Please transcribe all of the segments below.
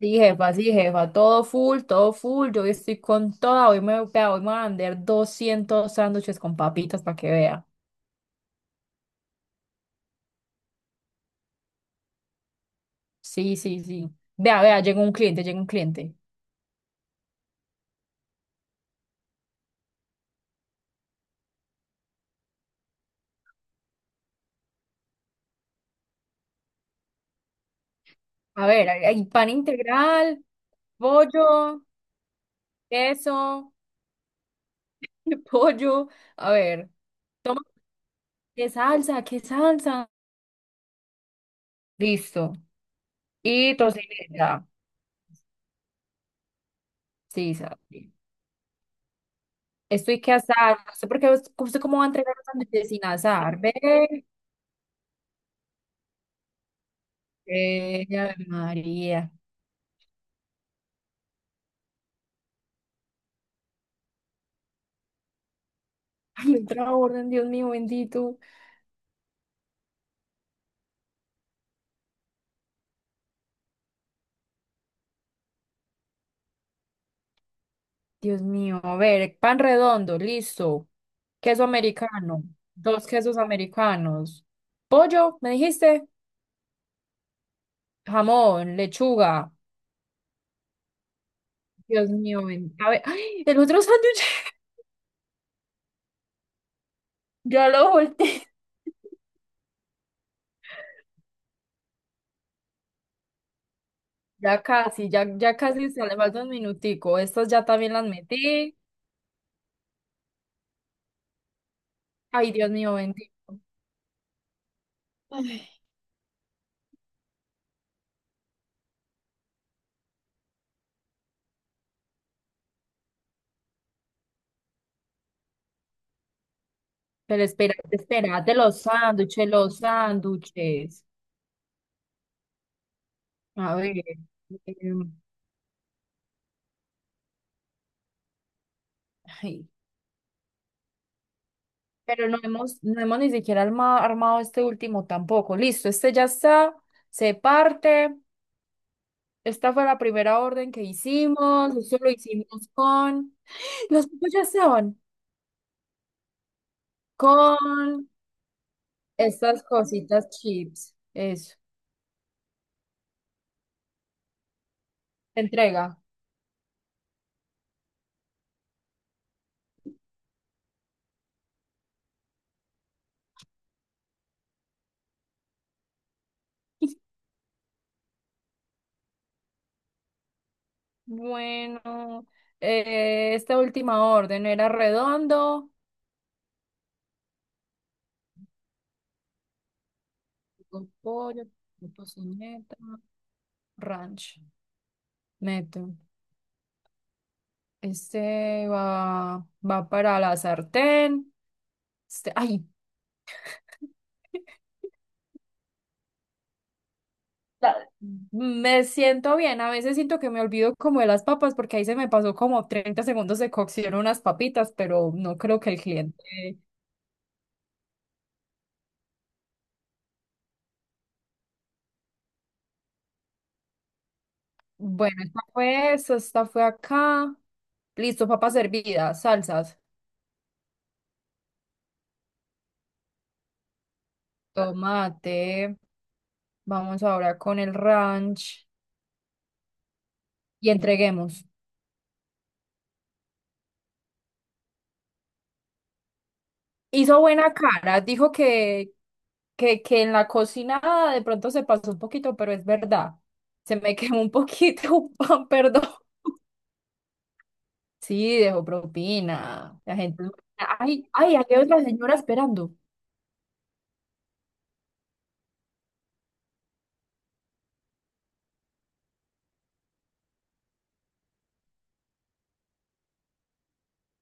Sí, jefa, todo full, todo full. Yo hoy estoy con toda. Vea, hoy me voy a vender 200 sándwiches con papitas para que vea. Sí, sí, sí. Vea, vea, llega un cliente, llega un cliente. A ver, hay pan integral, pollo, queso, pollo. A ver, toma, ¿qué salsa? ¿Qué salsa? Listo. Y tocineta. Sí, sí. Estoy que asar. No sé por qué, usted cómo va a entregar los sándwiches sin asar. Ve, María. Ay, otra orden, Dios mío, bendito. Dios mío, a ver, pan redondo, listo. Queso americano, dos quesos americanos. Pollo, ¿me dijiste? Jamón, lechuga. Dios mío, a ver, ¡ay!, el otro sándwich. Ya lo volteé. Ya casi, ya casi se le falta un minutico. Estas ya también las metí. Ay, Dios mío, bendito. Ay, pero espera, espérate, los sándwiches, los sándwiches. A ver. em, Ay, pero no hemos ni siquiera armado este último tampoco. Listo, este ya está, se parte. Esta fue la primera orden que hicimos. Esto lo hicimos con. Los otros ya estaban. Con estas cositas chips. Eso. Entrega. Bueno, esta última orden era redondo. Con pollo, con tocineta, ranch. Meto. Este va para la sartén. Este, ay, La- me siento bien. A veces siento que me olvido como de las papas porque ahí se me pasó como 30 segundos de cocción unas papitas, pero no creo que el cliente. Bueno, esta fue eso, esta fue acá. Listo, papas hervidas, salsas, tomate. Vamos ahora con el ranch y entreguemos. Hizo buena cara, dijo que, que en la cocinada de pronto se pasó un poquito, pero es verdad. Se me quemó un poquito un pan, perdón. Sí, dejó propina. La gente. Ay, ay, aquí hay otra señora esperando.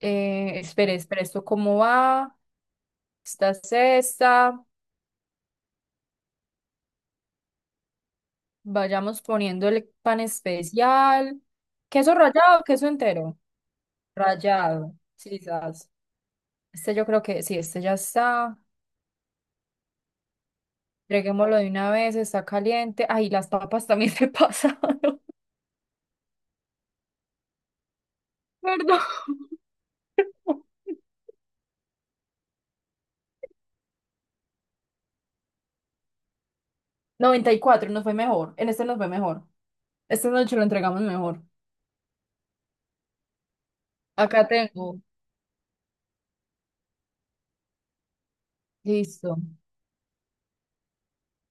Espere, espere, ¿esto cómo va? Esta es esta. Vayamos poniendo el pan especial. ¿Queso rallado o queso entero? Rallado. Sí, sas. Este yo creo que sí, este ya está. Entreguémoslo de una vez, está caliente. Ay, las papas también se pasaron, perdón. 94, nos fue mejor. En este nos fue mejor. Esta noche lo entregamos mejor. Acá tengo. Listo.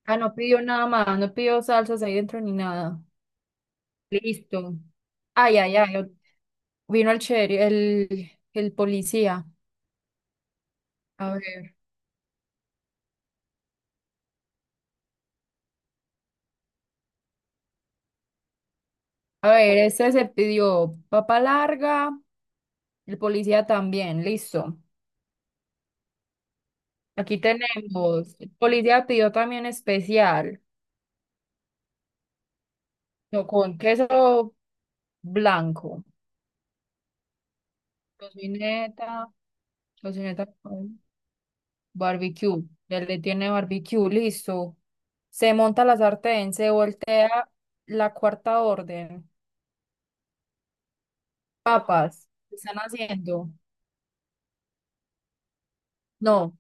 Ah, no pidió nada más, no pidió salsas ahí dentro ni nada. Listo. Ay, ay, ay. Vino el sheriff, el policía. A ver. A ver, este se pidió papa larga. El policía también, listo. Aquí tenemos. El policía pidió también especial. No, con queso blanco, tocineta, tocineta con barbecue. Ya le tiene barbecue, listo. Se monta la sartén, se voltea la cuarta orden. Papas, ¿qué están haciendo? No,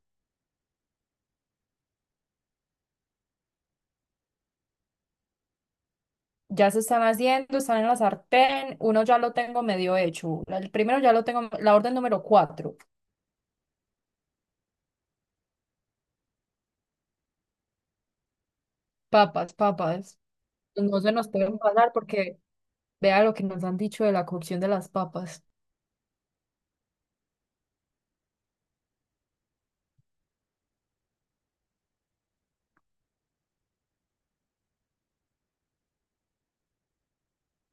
ya se están haciendo, están en la sartén. Uno ya lo tengo medio hecho. El primero ya lo tengo, la orden número 4. Papas, papas. No se nos pueden pasar porque vea lo que nos han dicho de la cocción de las papas.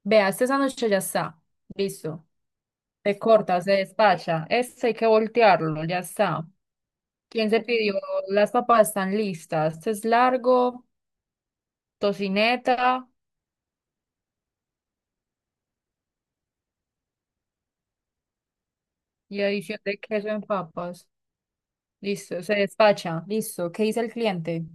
Vea, este sándwich ya está. Listo. Se corta, se despacha. Este hay que voltearlo, ya está. ¿Quién se pidió? Las papas están listas. Este es largo, tocineta y adición de queso en papas. Listo, se despacha. Listo. ¿Qué dice el cliente?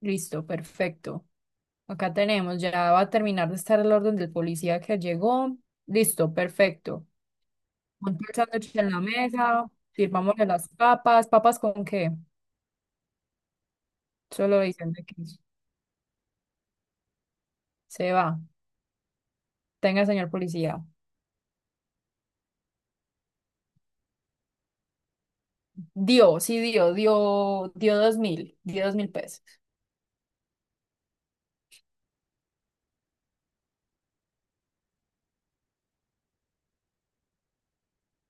Listo, perfecto. Acá tenemos, ya va a terminar de estar el orden del policía que llegó. Listo, perfecto. Monta el sándwich en la mesa, sirvamos las papas. ¿Papas con qué? Solo diciendo que se va. Tenga, señor policía. Dio, sí, dio dos mil pesos.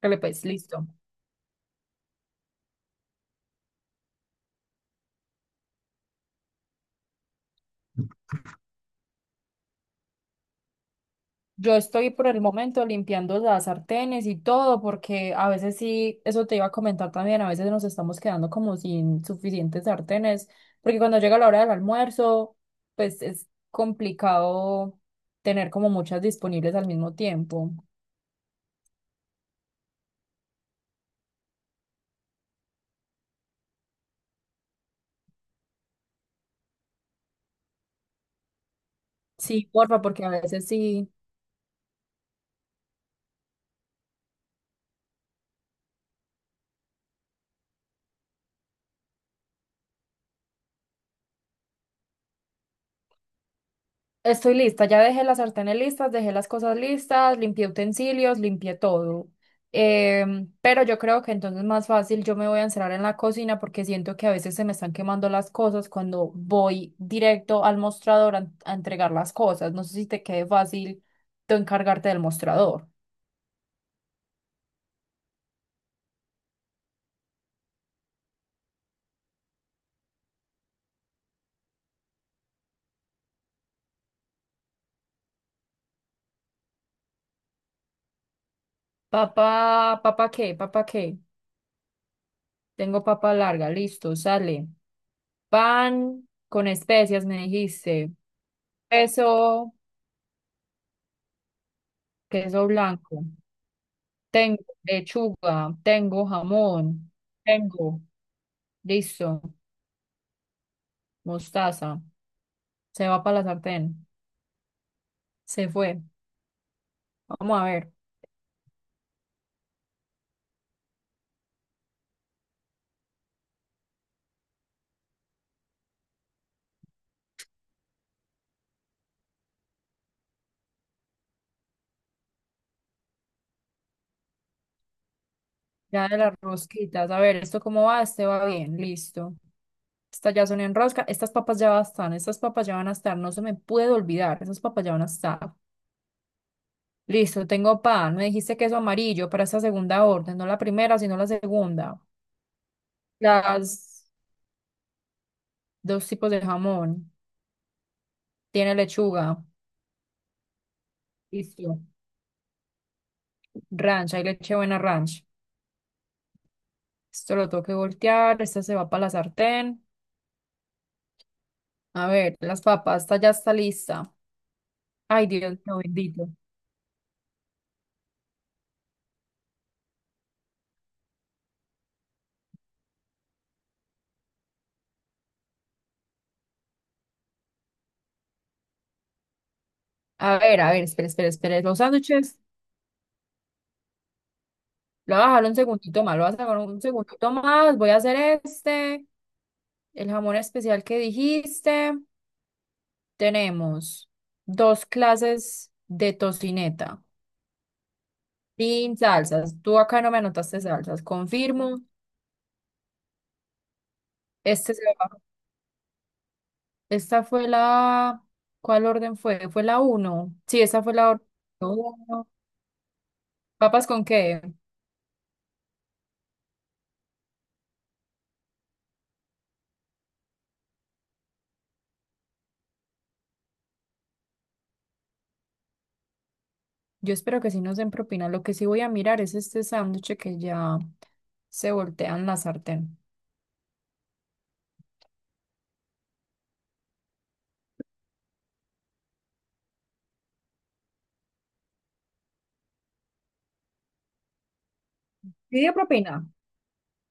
Dale pues, listo. Yo estoy por el momento limpiando las sartenes y todo, porque a veces sí, eso te iba a comentar también, a veces nos estamos quedando como sin suficientes sartenes, porque cuando llega la hora del almuerzo, pues es complicado tener como muchas disponibles al mismo tiempo. Sí, porfa, porque a veces sí. Estoy lista, ya dejé las sartenes listas, dejé las cosas listas, limpié utensilios, limpié todo. Pero yo creo que entonces más fácil yo me voy a encerrar en la cocina porque siento que a veces se me están quemando las cosas cuando voy directo al mostrador a entregar las cosas. No sé si te quede fácil tú encargarte del mostrador. Papá, papá qué, papá qué. Tengo papa larga, listo, sale. Pan con especias, me dijiste. Queso, queso blanco. Tengo lechuga, tengo jamón, tengo, listo, mostaza. Se va para la sartén. Se fue. Vamos a ver. Ya de las rosquitas. A ver, ¿esto cómo va? Este va bien, listo. Estas ya son en rosca. Estas papas ya están. Estas papas ya van a estar. No se me puede olvidar. Esas papas ya van a estar. Listo, tengo pan. Me dijiste queso amarillo para esta segunda orden. No la primera, sino la segunda. Las dos tipos de jamón. Tiene lechuga. Listo. Ranch, hay leche buena ranch. Esto lo tengo que voltear, esta se va para la sartén. A ver, las papas, esta ya está lista. Ay, Dios mío, bendito. A ver, espera, espera, espera. Los sándwiches, lo voy a dejar un segundito más, lo voy a sacar un segundito más. Voy a hacer este, el jamón especial que dijiste. Tenemos dos clases de tocineta sin salsas. Tú acá no me anotaste salsas, confirmo. Este se va. Esta fue la... ¿Cuál orden fue? Fue la uno. Sí, esta fue la orden uno. ¿Papas con qué? Yo espero que sí nos den propina. Lo que sí voy a mirar es este sándwich que ya se voltean la sartén. ¿Pide propina?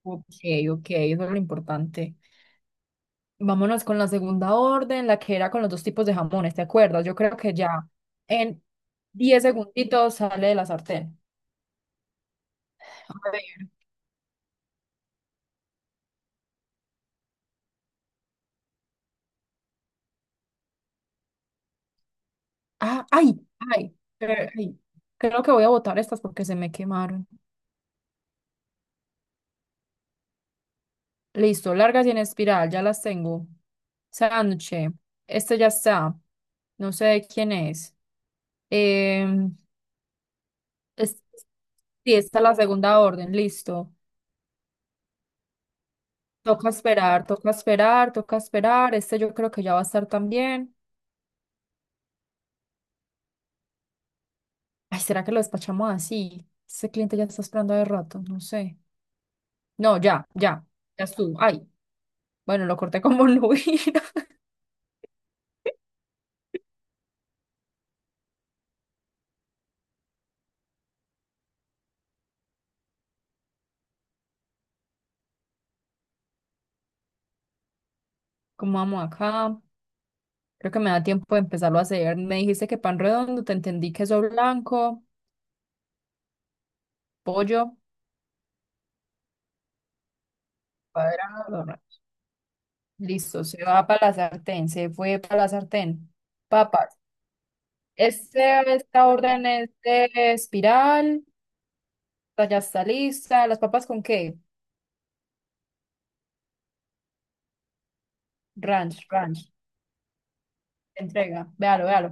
Ok, ok, eso es lo importante. Vámonos con la segunda orden, la que era con los dos tipos de jamones, ¿te acuerdas? Yo creo que ya en 10 segunditos sale de la sartén. A ver. Ah, ay, ay, ay. Creo que voy a botar estas porque se me quemaron. Listo, largas y en espiral, ya las tengo. Sánchez, este ya está. No sé quién es. Em, es- sí, esta es la segunda orden, listo. Toca esperar, toca esperar, toca esperar. Este yo creo que ya va a estar también. Ay, ¿será que lo despachamos así? Este cliente ya está esperando de rato, no sé. No, ya, ya, ya estuvo. Ay, bueno, lo corté como nubila. ¿Cómo vamos acá? Creo que me da tiempo de empezarlo a hacer. Me dijiste que pan redondo, te entendí queso blanco, pollo, cuadrado, ¿no? Listo, se va para la sartén, se fue para la sartén. Papas. Este, esta orden es de espiral, esta ya está lista. ¿Las papas con qué? Ranch, ranch. Entrega, véalo, véalo.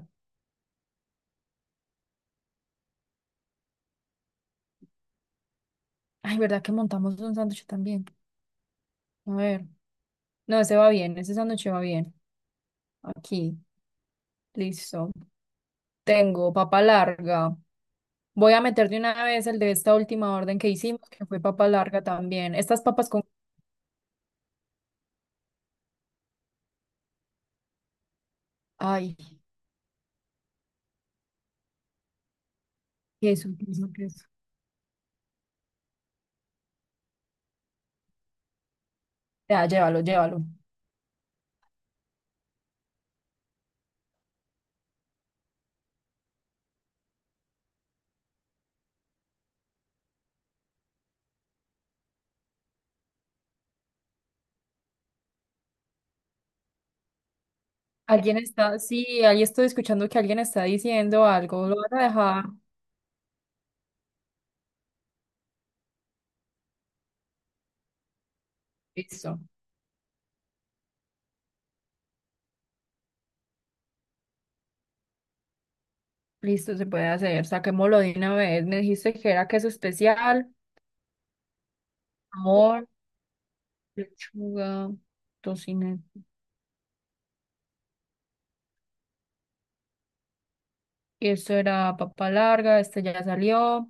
Ay, ¿verdad que montamos un sándwich también? A ver. No, ese va bien, ese sándwich va bien. Aquí, listo. Tengo papa larga. Voy a meter de una vez el de esta última orden que hicimos, que fue papa larga también. Estas papas con... Ay, queso, queso, queso. Ya, llévalo, llévalo. Alguien está... Sí, ahí estoy escuchando que alguien está diciendo algo. Lo vas a dejar. Listo. Listo, se puede hacer. Saquémoslo de una vez. Me dijiste que era queso especial, amor, lechuga, tocineta. Y esto era papa larga, este ya salió.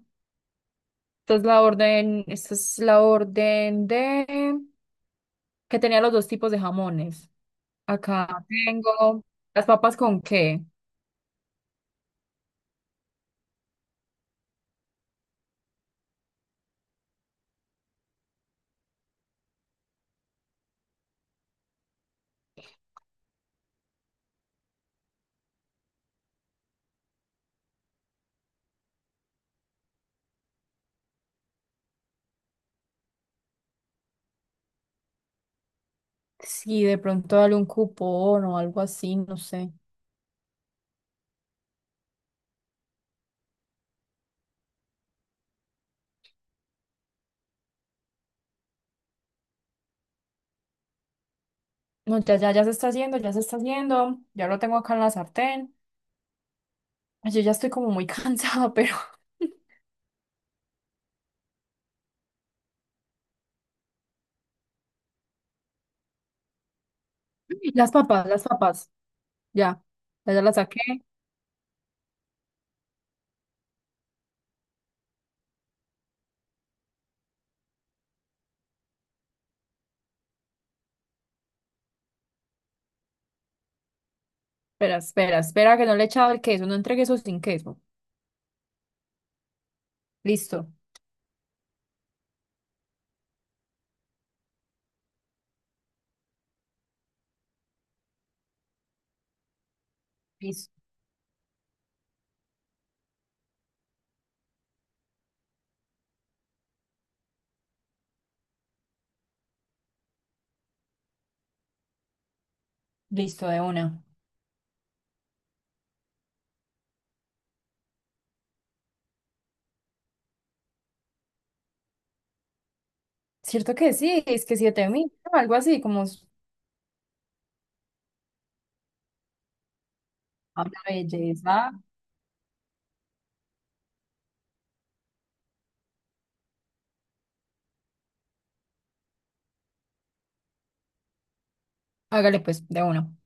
Esta es la orden, esta es la orden de que tenía los dos tipos de jamones. Acá tengo las papas con qué. Sí, de pronto dale un cupón o algo así, no sé. No, ya, ya, ya se está haciendo, ya se está haciendo. Ya lo tengo acá en la sartén. Ay, yo ya estoy como muy cansada, pero las papas, las papas. Ya, ya, ya las saqué. Espera, espera, espera que no le he echado el queso, no entregué eso sin queso. Listo, listo, listo de una. Cierto que sí, es que 7.000, ¿no?, algo así, como Ah, una belleza. Hágale pues, de uno.